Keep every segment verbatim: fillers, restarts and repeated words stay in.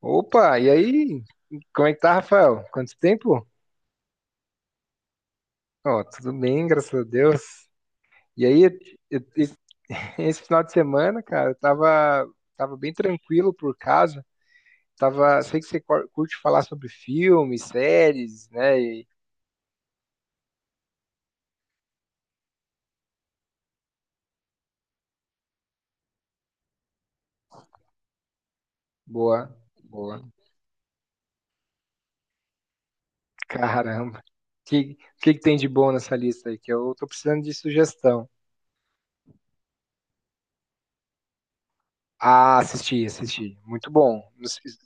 Opa, e aí? Como é que tá, Rafael? Quanto tempo? Ó, tudo bem, graças a Deus. E aí, eu- eu- esse final de semana, cara, eu tava, tava bem tranquilo por casa. Tava, sei que você cor- curte falar sobre filmes, séries, né? E- boa, boa. Caramba. O que, que que tem de bom nessa lista aí? Que eu tô precisando de sugestão. Ah, assisti, assisti. Muito bom. Não sei se-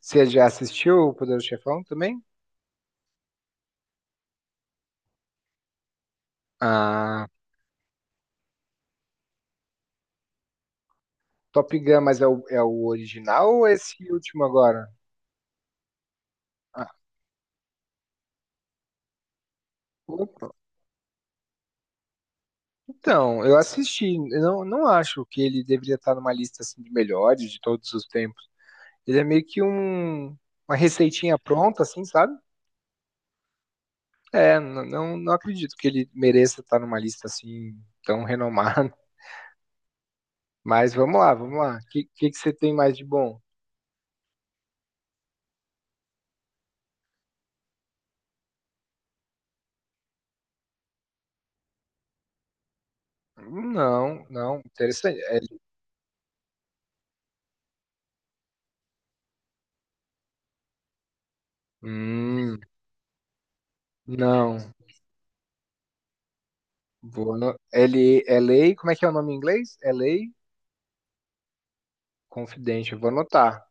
Você já assistiu o Poderoso Chefão também? Ah. Top Gun, mas é o, é o original ou é esse último agora? Ah, opa. Então, eu assisti. Eu não, não acho que ele deveria estar numa lista assim, de melhores de todos os tempos. Ele é meio que um, uma receitinha pronta, assim, sabe? É, n- não, não acredito que ele mereça estar numa lista assim tão renomada. Mas vamos lá, vamos lá. O que, que, que você tem mais de bom? Não, não, interessante. É, hum, não. Vou no- L, LA, como é que é o nome em inglês? L A? Confidente, eu vou anotar.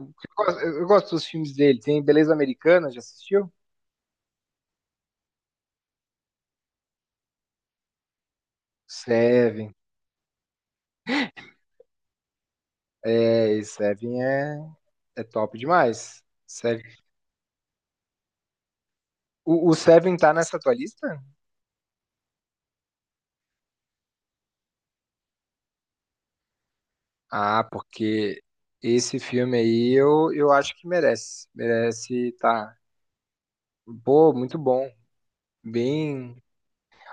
Eu gosto eu gosto dos filmes dele. Tem Beleza Americana, já assistiu? Seven. É, e Seven é, é top demais. Seven. O, o Seven tá nessa tua lista? Ah, porque esse filme aí eu, eu acho que merece. Merece, tá. Pô, muito bom. Bem.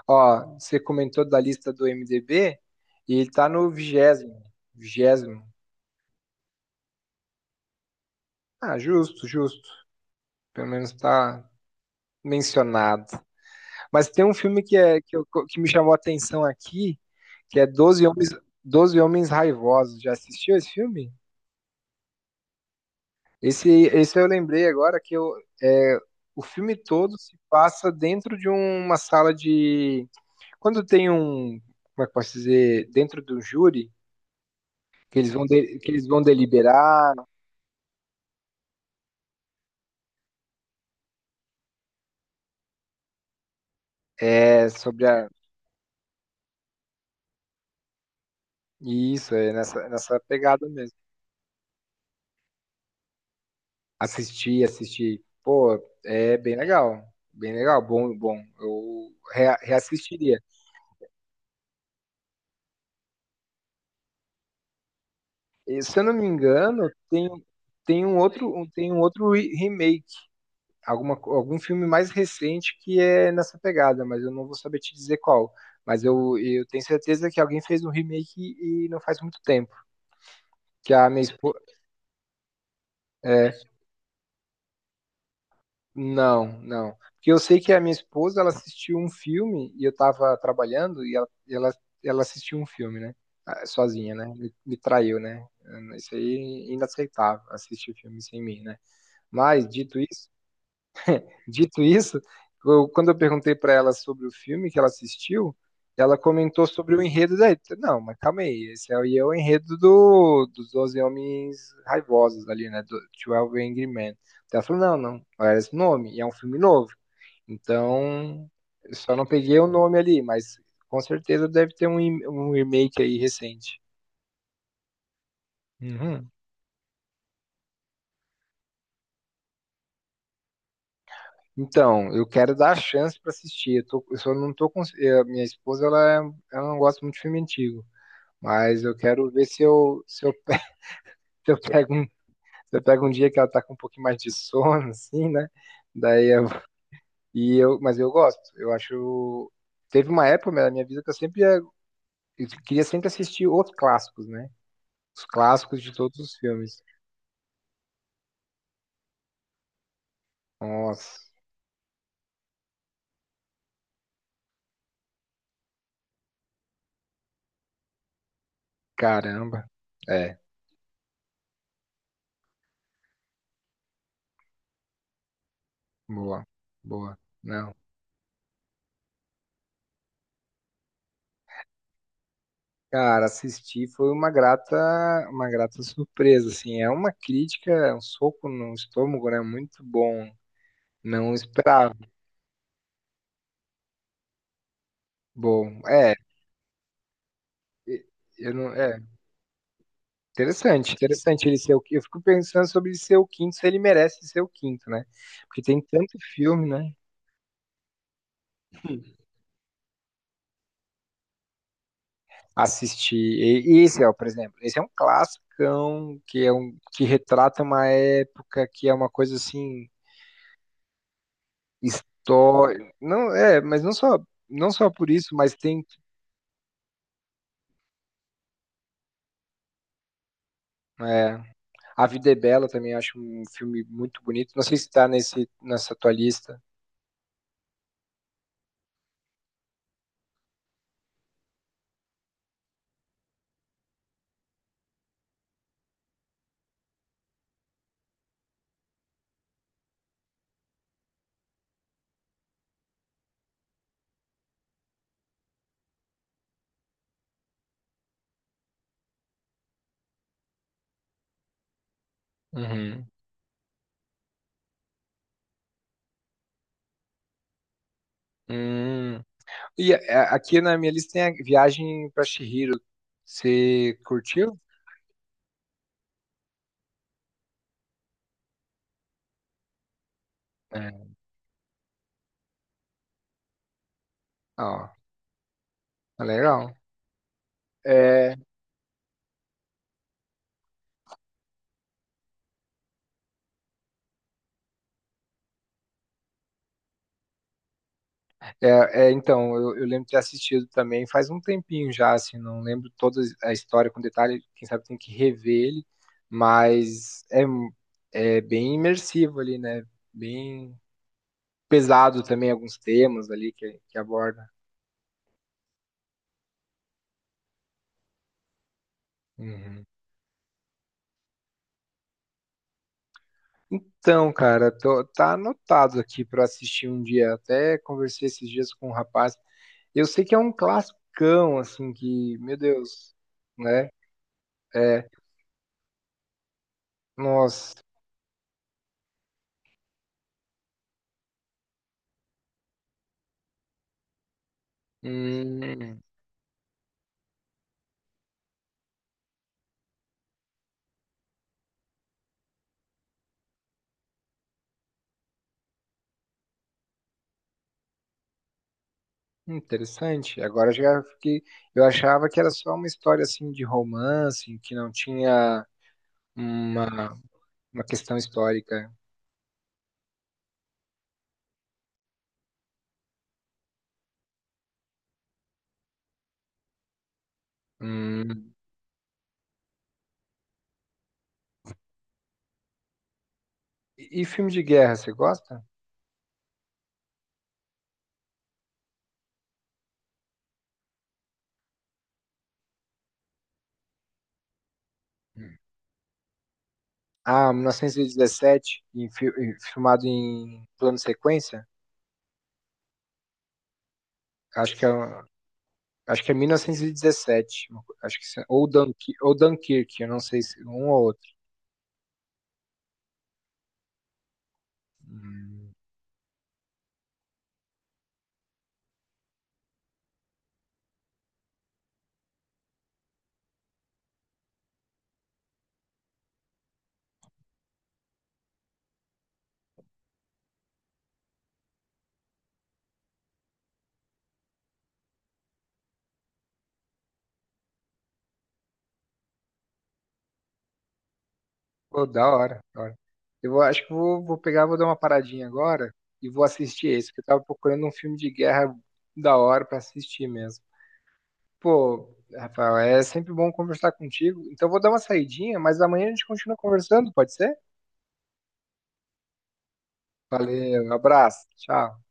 Ó, você comentou da lista do IMDb e ele tá no vigésimo. Vigésimo. Ah, justo, justo. Pelo menos tá mencionado. Mas tem um filme que, é, que, eu- que me chamou a atenção aqui, que é doze Homens, doze Homens Raivosos. Já assistiu esse filme? Esse, esse eu lembrei agora que eu, é, o filme todo se passa dentro de uma sala de. Quando tem um. Como é que eu posso dizer? Dentro do júri, que eles vão, de- que eles vão deliberar é, sobre a. Isso, é nessa, nessa pegada mesmo. Assistir, assistir. Pô, é bem legal. Bem legal, bom, bom. Eu rea- reassistiria. E, se eu não me engano, tem, tem um outro, um- tem um outro re- remake, alguma, co- algum filme mais recente que é nessa pegada, mas eu não vou saber te dizer qual. Mas eu, eu tenho certeza que alguém fez um remake e não faz muito tempo. Que a minha esposa. É, não, não. Porque eu sei que a minha esposa ela assistiu um filme e eu tava trabalhando e ela, ela, ela assistiu um filme, né? Ah, Sozinha, né? Me, me traiu, né? Isso aí é inaceitável, assistir filme sem mim, né? Mas, dito isso, Dito isso, eu- quando eu perguntei para ela sobre o filme que ela assistiu, ela comentou sobre o enredo daí. Não, mas calma aí, esse aí é o enredo do, dos doze Homens Raivosos ali, né? Do twelve Angry Men. Então ela falou, não, não, não era esse nome, e é um filme novo. Então, eu só não peguei o nome ali, mas com certeza deve ter um, em- um remake aí recente. Uhum. Então, eu quero dar a chance para assistir. Eu, tô, eu só não tô cons- eh, Minha esposa, ela, é- ela não gosta muito de filme antigo. Mas eu quero ver se eu, se eu, pe- se eu pego um, se eu pego um dia que ela tá com um pouquinho mais de sono, assim, né? Daí eu, e eu, mas eu gosto. Eu acho. Teve uma época na minha vida que eu sempre ia- eu queria sempre assistir os clássicos, né? Os clássicos de todos os filmes. Nossa, caramba. É, boa, boa. Não. Cara, assistir foi uma grata, uma grata surpresa, assim. É uma crítica, é um soco no estômago, né? Muito bom. Não esperava. Bom, é, e- eu não, é interessante, interessante ele ser o quinto. Eu fico pensando sobre ele ser o quinto, se ele merece ser o quinto, né? Porque tem tanto filme, né? Assistir. E, e esse é, por exemplo, esse é um classicão que é um que retrata uma época que é uma coisa assim histórica. Não, é, mas não só não só por isso, mas tem é, A Vida é Bela também acho um filme muito bonito. Não sei se está nesse nessa tua lista. Uhum. Hum. E é, é, aqui na minha lista tem a Viagem pra Chihiro. Você curtiu? É. Ó, tá legal. É, é, é, então, eu, eu lembro de ter assistido também faz um tempinho já, assim, não lembro toda a história com detalhe, quem sabe tem que rever ele, mas é, é bem imersivo ali, né? Bem pesado também alguns temas ali que, que aborda. Uhum. Então, cara, tô- tá anotado aqui pra assistir um dia. Até conversei esses dias com um rapaz. Eu sei que é um classicão, assim, que, meu Deus, né? É, nossa, hum, interessante. Agora já fiquei. Eu achava que era só uma história, assim, de romance, que não tinha uma, uma questão histórica. Hum. E, e filme de guerra, você gosta? Hum. Ah, mil novecentos e dezessete, em fi- em- filmado em plano sequência? Acho que é, um- acho que é mil novecentos e dezessete, uma co- acho que, se- ou, Dunk, ou Dunkirk, eu não sei se um ou outro. Pô, da hora, da hora. Eu vou- acho que vou, vou pegar, vou dar uma paradinha agora e vou assistir esse, porque eu tava procurando um filme de guerra da hora pra assistir mesmo. Pô, Rafael, é sempre bom conversar contigo. Então eu vou dar uma saidinha, mas amanhã a gente continua conversando, pode ser? Valeu, abraço, tchau.